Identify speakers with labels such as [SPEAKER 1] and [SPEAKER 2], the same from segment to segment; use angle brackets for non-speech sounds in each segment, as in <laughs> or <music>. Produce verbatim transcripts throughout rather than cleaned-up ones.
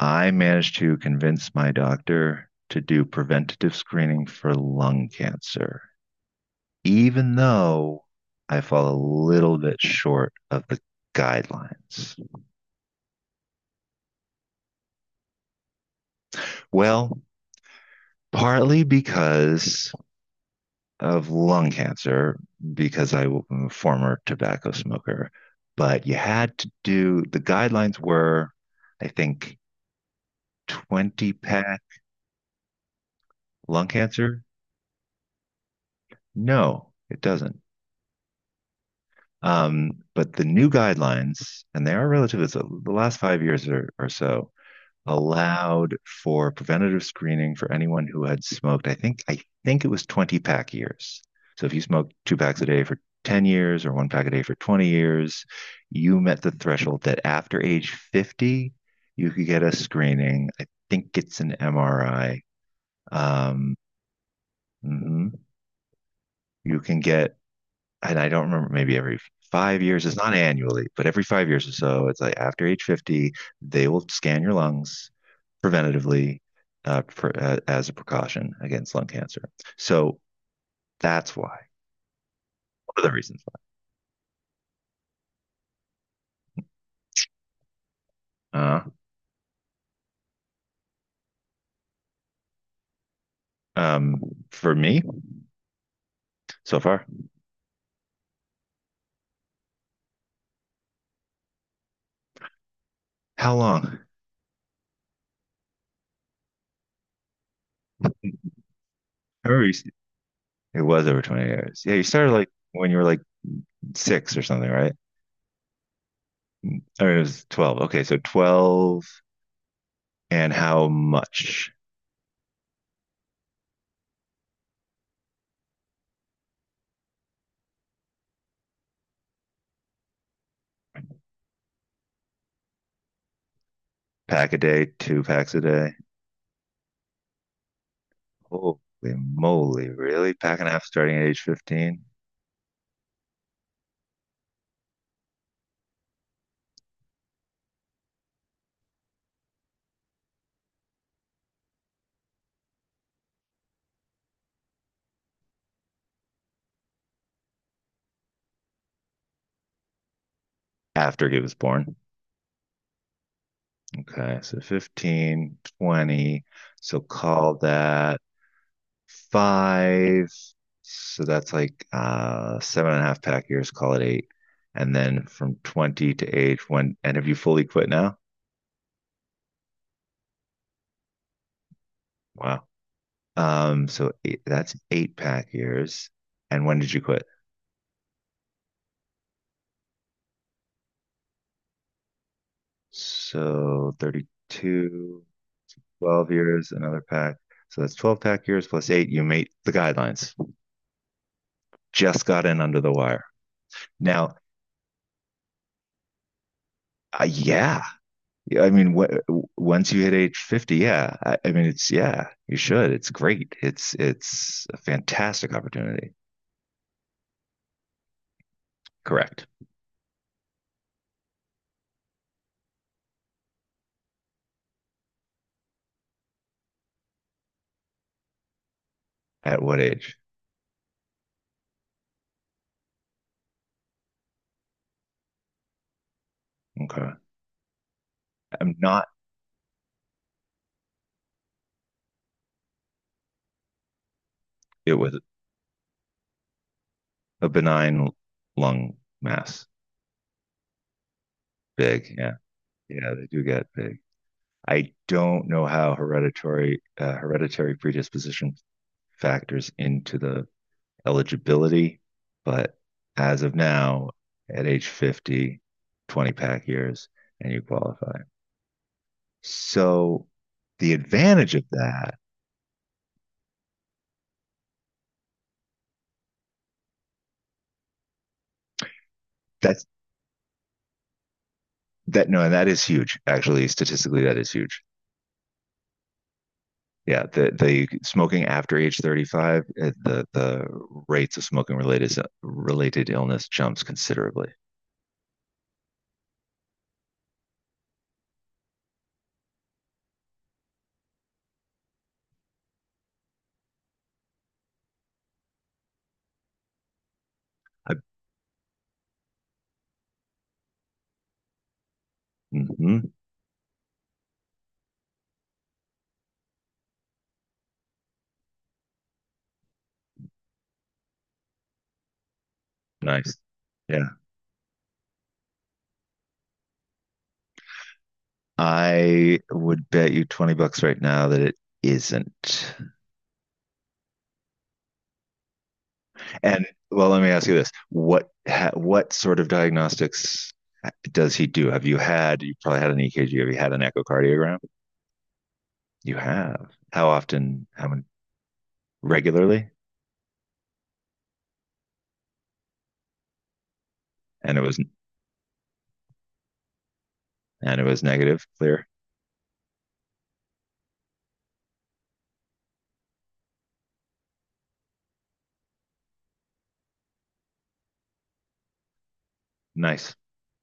[SPEAKER 1] I managed to convince my doctor to do preventative screening for lung cancer, even though I fall a little bit short of the guidelines. Well, partly because of lung cancer, because I was a former tobacco smoker, but you had to do the guidelines were, I think, twenty pack lung cancer. No, it doesn't. Um, but the new guidelines, and they are relatively, so the last five years or, or so, allowed for preventative screening for anyone who had smoked, I think, I think it was twenty pack years. So if you smoked two packs a day for ten years or one pack a day for twenty years, you met the threshold that after age fifty, you could get a screening. I think it's an M R I. Um, mhm. You can get and I don't remember, maybe every five years, it's not annually, but every five years or so, it's like after age fifty, they will scan your lungs preventatively uh, for, uh, as a precaution against lung cancer. So that's why, one of the reasons why. Uh, um, for me, so far, how long? I remember you, it was over twenty years. Yeah, you started like when you were like six or something, right? I mean, it was twelve. Okay, so twelve and how much? Pack a day, two packs a day. Holy moly, really? Packing half starting at age fifteen? After he was born. Okay, so fifteen twenty. So call that five. So that's like uh, seven and a half pack years, call it eight. And then from twenty to age one. And have you fully quit now? Wow. Um, so eight, that's eight pack years. And when did you quit? So thirty-two. twelve years, another pack. So that's twelve pack years plus eight. You meet the guidelines. Just got in under the wire. Now, uh, yeah. Yeah, I mean, wh- once you hit age fifty, yeah. I, I mean, it's, yeah, you should. It's great. It's, it's a fantastic opportunity. Correct. At what age? Okay. I'm not it was a benign lung mass. Big. Yeah. Yeah. They do get big. I don't know how hereditary, uh, hereditary predisposition factors into the eligibility, but as of now, at age fifty, twenty pack years, and you qualify. So the advantage of that, that's that no, and that is huge. Actually, statistically, that is huge. Yeah, the the smoking after age thirty-five, uh, the the rates of smoking related related illness jumps considerably. I, mm-hmm, nice. Yeah. I would bet you twenty bucks right now that it isn't. And well, let me ask you this: what ha, what sort of diagnostics does he do? Have you had? You probably had an E K G. Have you had an echocardiogram? You have. How often? How many? Regularly? And it was and it was negative. Clear. Nice.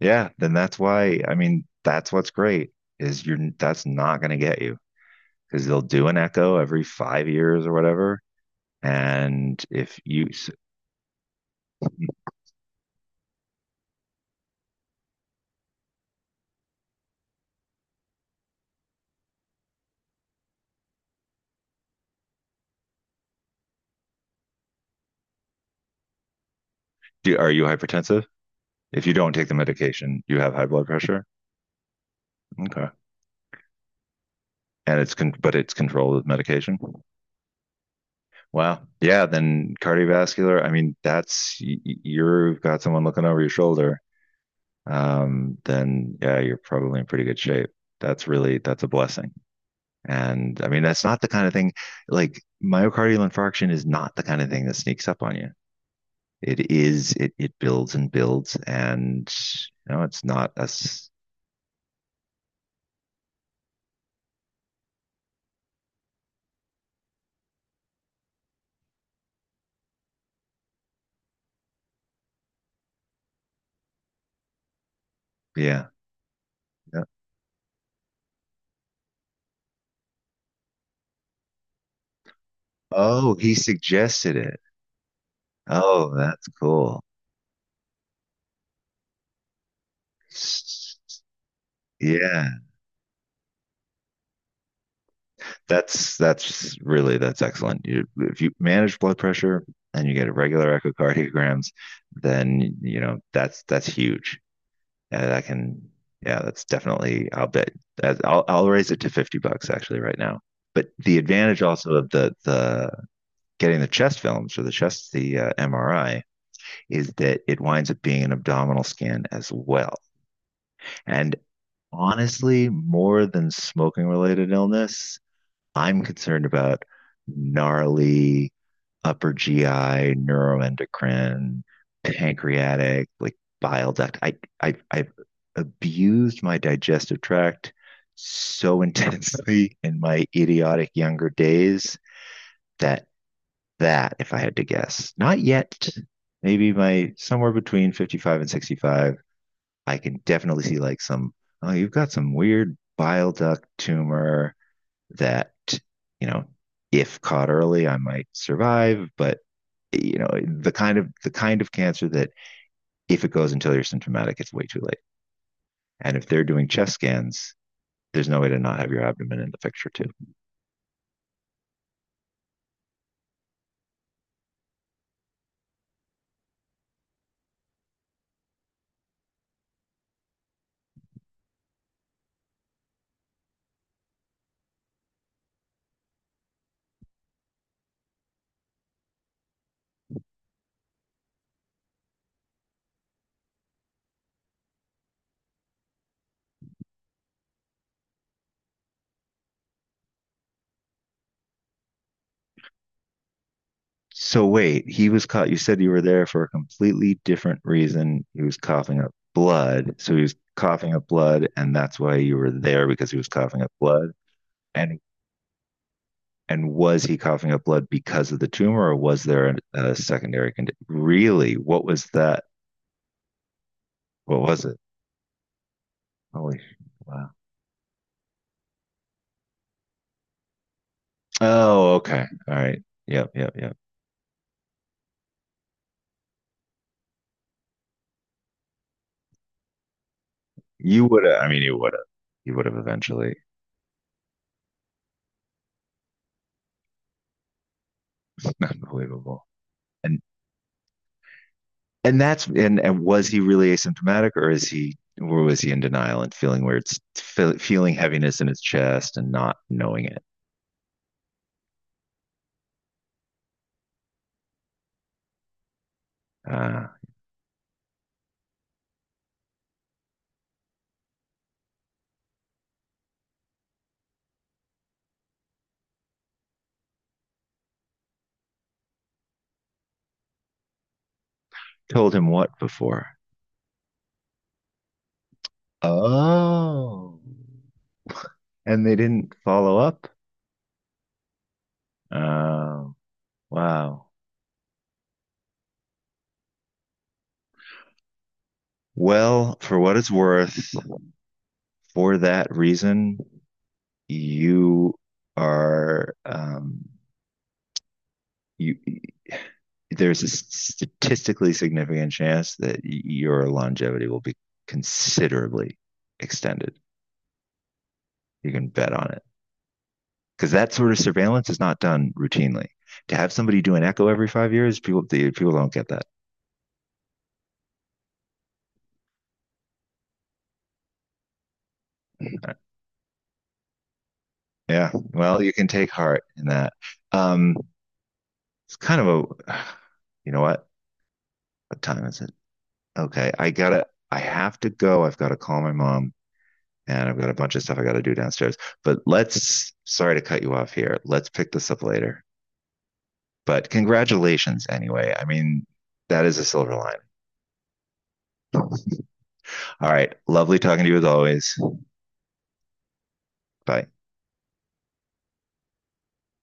[SPEAKER 1] Yeah. Then that's why. I mean, that's what's great is you're that's not going to get you because they'll do an echo every five years or whatever. And if you do, are you hypertensive? If you don't take the medication, you have high blood pressure. Okay. and it's con- but it's controlled with medication. Wow. Yeah. Then cardiovascular. I mean, that's you've got someone looking over your shoulder. Um, then yeah, you're probably in pretty good shape. That's really that's a blessing. And I mean, that's not the kind of thing like myocardial infarction is not the kind of thing that sneaks up on you. It is it it builds and builds, and you know, it's not us. Yeah. Yeah. Oh, he suggested it. Oh, that's cool. Yeah. that's that's really that's excellent. You, if you manage blood pressure and you get regular echocardiograms, then you know that's that's huge. Uh, that can yeah, that's definitely. I'll bet. I'll I'll raise it to fifty bucks actually right now. But the advantage also of the the getting the chest films or the chest the uh, M R I is that it winds up being an abdominal scan as well. And honestly, more than smoking related illness, I'm concerned about gnarly upper G I, neuroendocrine, pancreatic, like bile duct. I, I, I've abused my digestive tract so <laughs> intensely in my idiotic younger days that that, if I had to guess, not yet, maybe my somewhere between fifty-five and sixty-five, I can definitely see like some, oh, you've got some weird bile duct tumor that, you know, if caught early, I might survive, but you know, the kind of the kind of cancer that if it goes until you're symptomatic, it's way too late. And if they're doing chest scans, there's no way to not have your abdomen in the picture too. So wait, he was caught. You said you were there for a completely different reason. He was coughing up blood, so he was coughing up blood, and that's why you were there because he was coughing up blood. And And was he coughing up blood because of the tumor, or was there a, a secondary condition? Really, what was that? What was it? Holy wow! Oh, okay, all right. Yep, yep, yep. You would have. I mean, you would have. You would have eventually. <laughs> Unbelievable. And and that's and and was he really asymptomatic, or is he or was he in denial and feeling where it's fe- feeling heaviness in his chest and not knowing it? Uh, told him what before? Oh, and they didn't follow up. Uh, wow. Well, for what it's worth, for that reason, you are um, you. There's a statistically significant chance that your longevity will be considerably extended. You can bet on it because that sort of surveillance is not done routinely. To have somebody do an echo every five years, people the, people don't get that. Uh, Yeah. Well, you can take heart in that. Um, it's kind of a, you know what? What time is it? Okay, I gotta, I have to go. I've got to call my mom and I've got a bunch of stuff I got to do downstairs. But let's, sorry to cut you off here. Let's pick this up later. But congratulations anyway. I mean, that is a silver line. All right. Lovely talking to you as always. Bye.